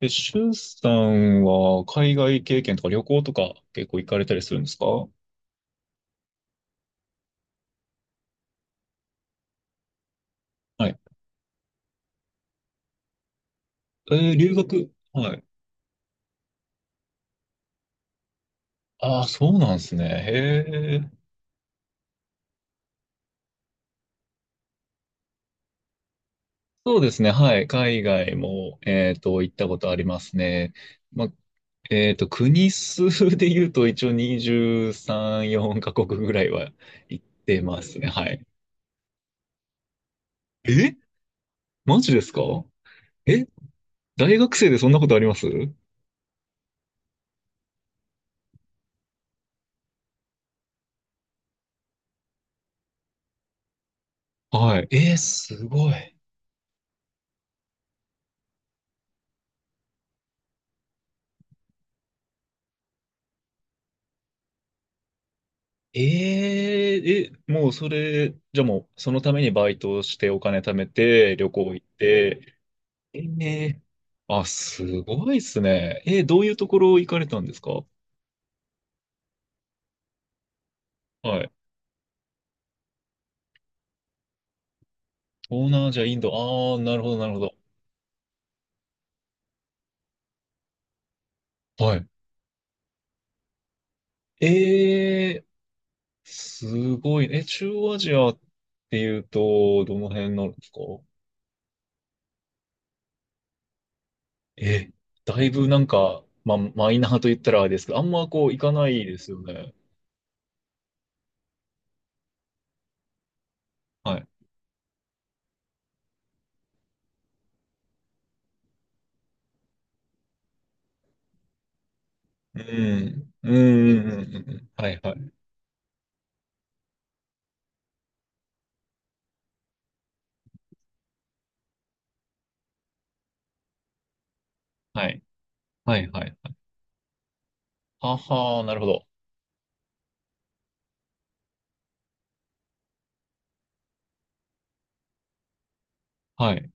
え、シュンさんは海外経験とか旅行とか結構行かれたりするんですか？はい。留学。はい。ああ、そうなんですね。へえ。そうですね。はい。海外も、行ったことありますね。ま、国数で言うと一応23、4カ国ぐらいは行ってますね。はい。え、マジですか？え、大学生でそんなことあります？はい。すごい。ええ、え、もうそれ、じゃあもうそのためにバイトをしてお金貯めて旅行行って、ええ、あ、すごいっすね。どういうところ行かれたんですか？はい。東南アジア、インド、ああ、なるほど、なるほど。はい。えーすごい。え、中央アジアっていうと、どの辺なんですか？え、だいぶなんか、まあ、マイナーと言ったらあれですけど、あんまこう行かないですよね。はい。うん。うん。うん。うんうん、はいはい。はい。はいはいはい。はは、なるほど。はい。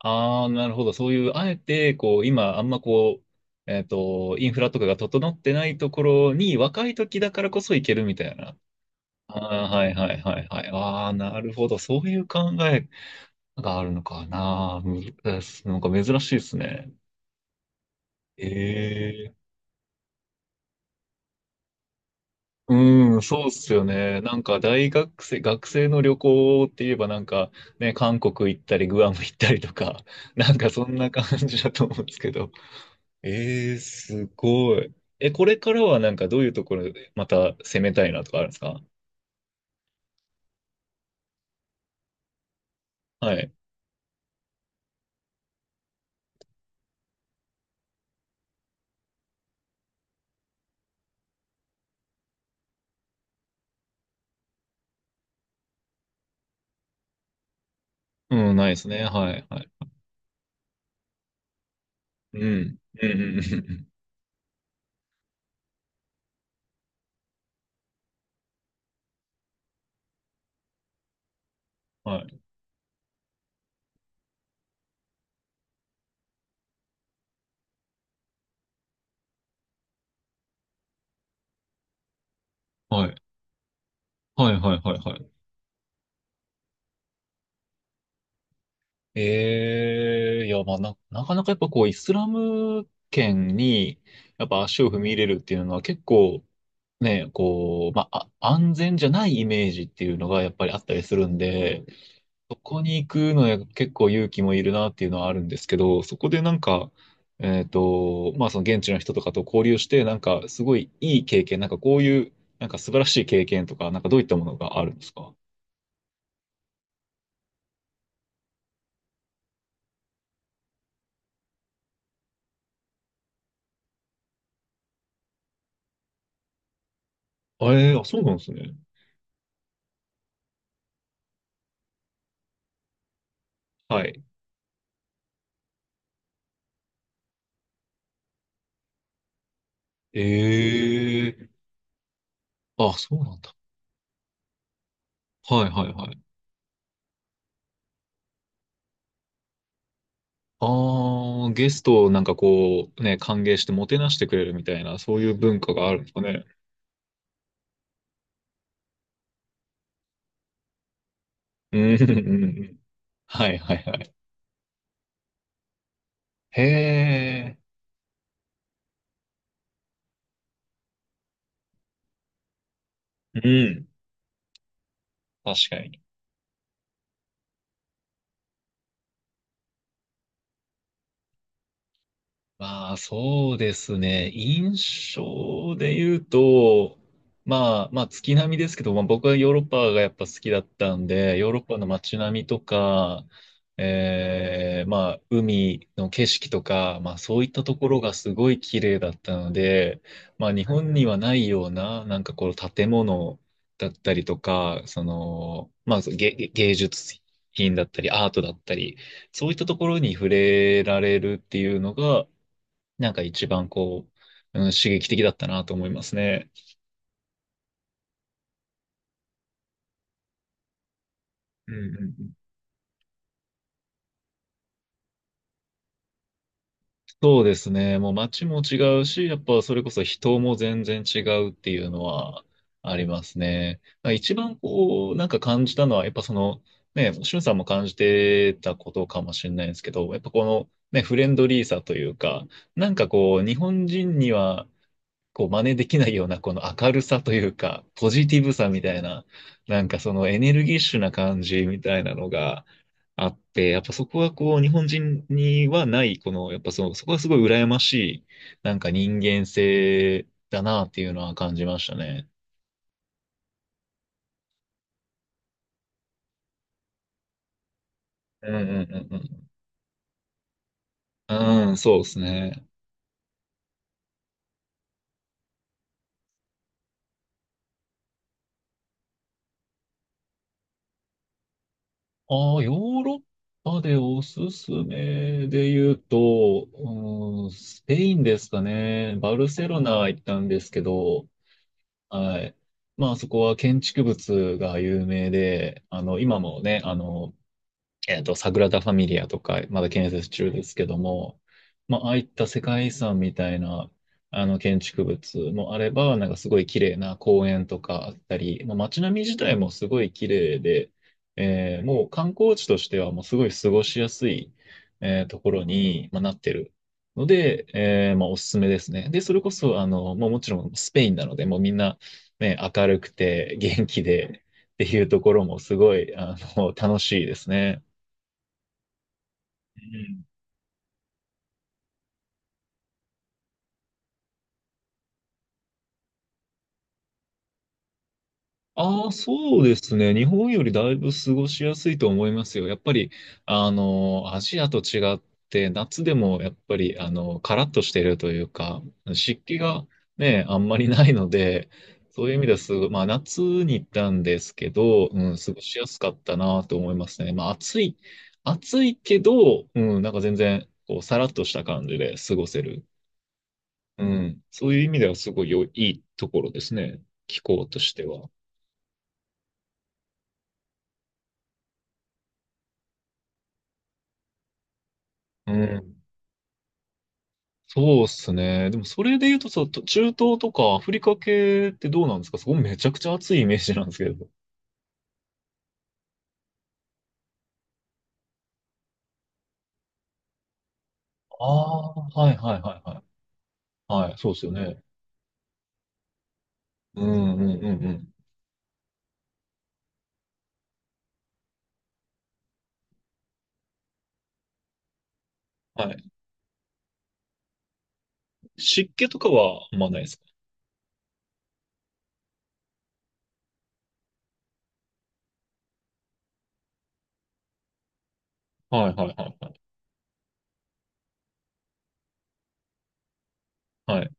ああ、なるほど。そういう、あえて、こう、今、あんまこう、インフラとかが整ってないところに、若い時だからこそ行けるみたいな。ああ、はいはいはいはい。ああ、なるほど。そういう考えがあるのかな。なんか珍しいですね。ええ、うーん、そうっすよね。なんか大学生、学生の旅行って言えばなんかね、韓国行ったりグアム行ったりとか、なんかそんな感じだと思うんですけど。すごい。え、これからはなんかどういうところでまた攻めたいなとかあるんですか？はい。うん、ないですね。はい、はい。うん。うん、うん、うん。うん、はい、はい。はい、はい、はい、はい。ええー、いや、まあな、なかなかやっぱこう、イスラム圏に、やっぱ足を踏み入れるっていうのは結構、ね、こう、まあ、安全じゃないイメージっていうのがやっぱりあったりするんで、そこに行くのは結構勇気もいるなっていうのはあるんですけど、そこでなんか、まあその現地の人とかと交流して、なんかすごいいい経験、なんかこういう、なんか素晴らしい経験とか、なんかどういったものがあるんですか？あ、あ、そうなんですね。はい。ええ、あ、そうなんだ。はいはいはい。ああ、ゲストをなんかこう、ね、歓迎してもてなしてくれるみたいな、そういう文化があるんですかね。うん、うん、うん。はい、はい、はい。へえ。うん。確かに。まあ、そうですね。印象で言うと、まあ、まあ、月並みですけど、まあ、僕はヨーロッパがやっぱ好きだったんで、ヨーロッパの街並みとか、まあ、海の景色とか、まあ、そういったところがすごい綺麗だったので、まあ、日本にはないような、なんかこう、建物だったりとか、その、まあ、芸術品だったり、アートだったり、そういったところに触れられるっていうのが、なんか一番こう、うん、刺激的だったなと思いますね。うんうんうん。そうですね。もう街も違うし、やっぱそれこそ人も全然違うっていうのはありますね。まあ一番こう、なんか感じたのは、やっぱその、ね、しゅんさんも感じてたことかもしれないんですけど、やっぱこの、ね、フレンドリーさというか、なんかこう、日本人には、こう、真似できないような、この明るさというか、ポジティブさみたいな、なんかそのエネルギッシュな感じみたいなのが、あって、やっぱそこはこう、日本人にはない、この、やっぱその、そこはすごい羨ましい、なんか人間性だなっていうのは感じましたね。うんうんうんうん。うん、そうですね。ああ、ヨーロッパでおすすめで言うと、うん、スペインですかね。バルセロナ行ったんですけど、はい。まあそこは建築物が有名で、今もね、サグラダ・ファミリアとか、まだ建設中ですけども、まあ、ああいった世界遺産みたいな、建築物もあれば、なんかすごい綺麗な公園とかあったり、まあ、街並み自体もすごい綺麗で、もう観光地としてはもうすごい過ごしやすい、ところに、まあ、なってるので、まあ、おすすめですね。で、それこそ、まあ、もちろんスペインなので、もうみんな、ね、明るくて元気でっていうところもすごい、楽しいですね。うん、ああ、そうですね。日本よりだいぶ過ごしやすいと思いますよ。やっぱり、アジアと違って、夏でもやっぱり、カラッとしてるというか、湿気がね、あんまりないので、そういう意味です。まあ、夏に行ったんですけど、うん、過ごしやすかったなと思いますね。まあ、暑い、暑いけど、うん、なんか全然、こう、さらっとした感じで過ごせる。うん、そういう意味ではすごい良いいいところですね。気候としては。うん。そうっすね。でもそれで言うとさ、中東とかアフリカ系ってどうなんですか？そこめちゃくちゃ暑いイメージなんですけど。ああ、はいはいはいはい。はい、そうですよね。うんうんうんうん。はい。湿気とかはあんまないですか？はいはいはい。はい。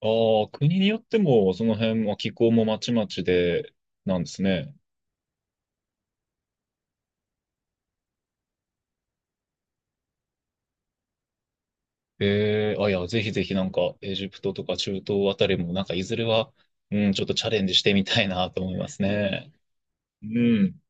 ああ、国によってもその辺も気候もまちまちでなんですね。ええ、あ、いや、ぜひぜひなんかエジプトとか中東あたりもなんかいずれは、うん、ちょっとチャレンジしてみたいなと思いますね。うん。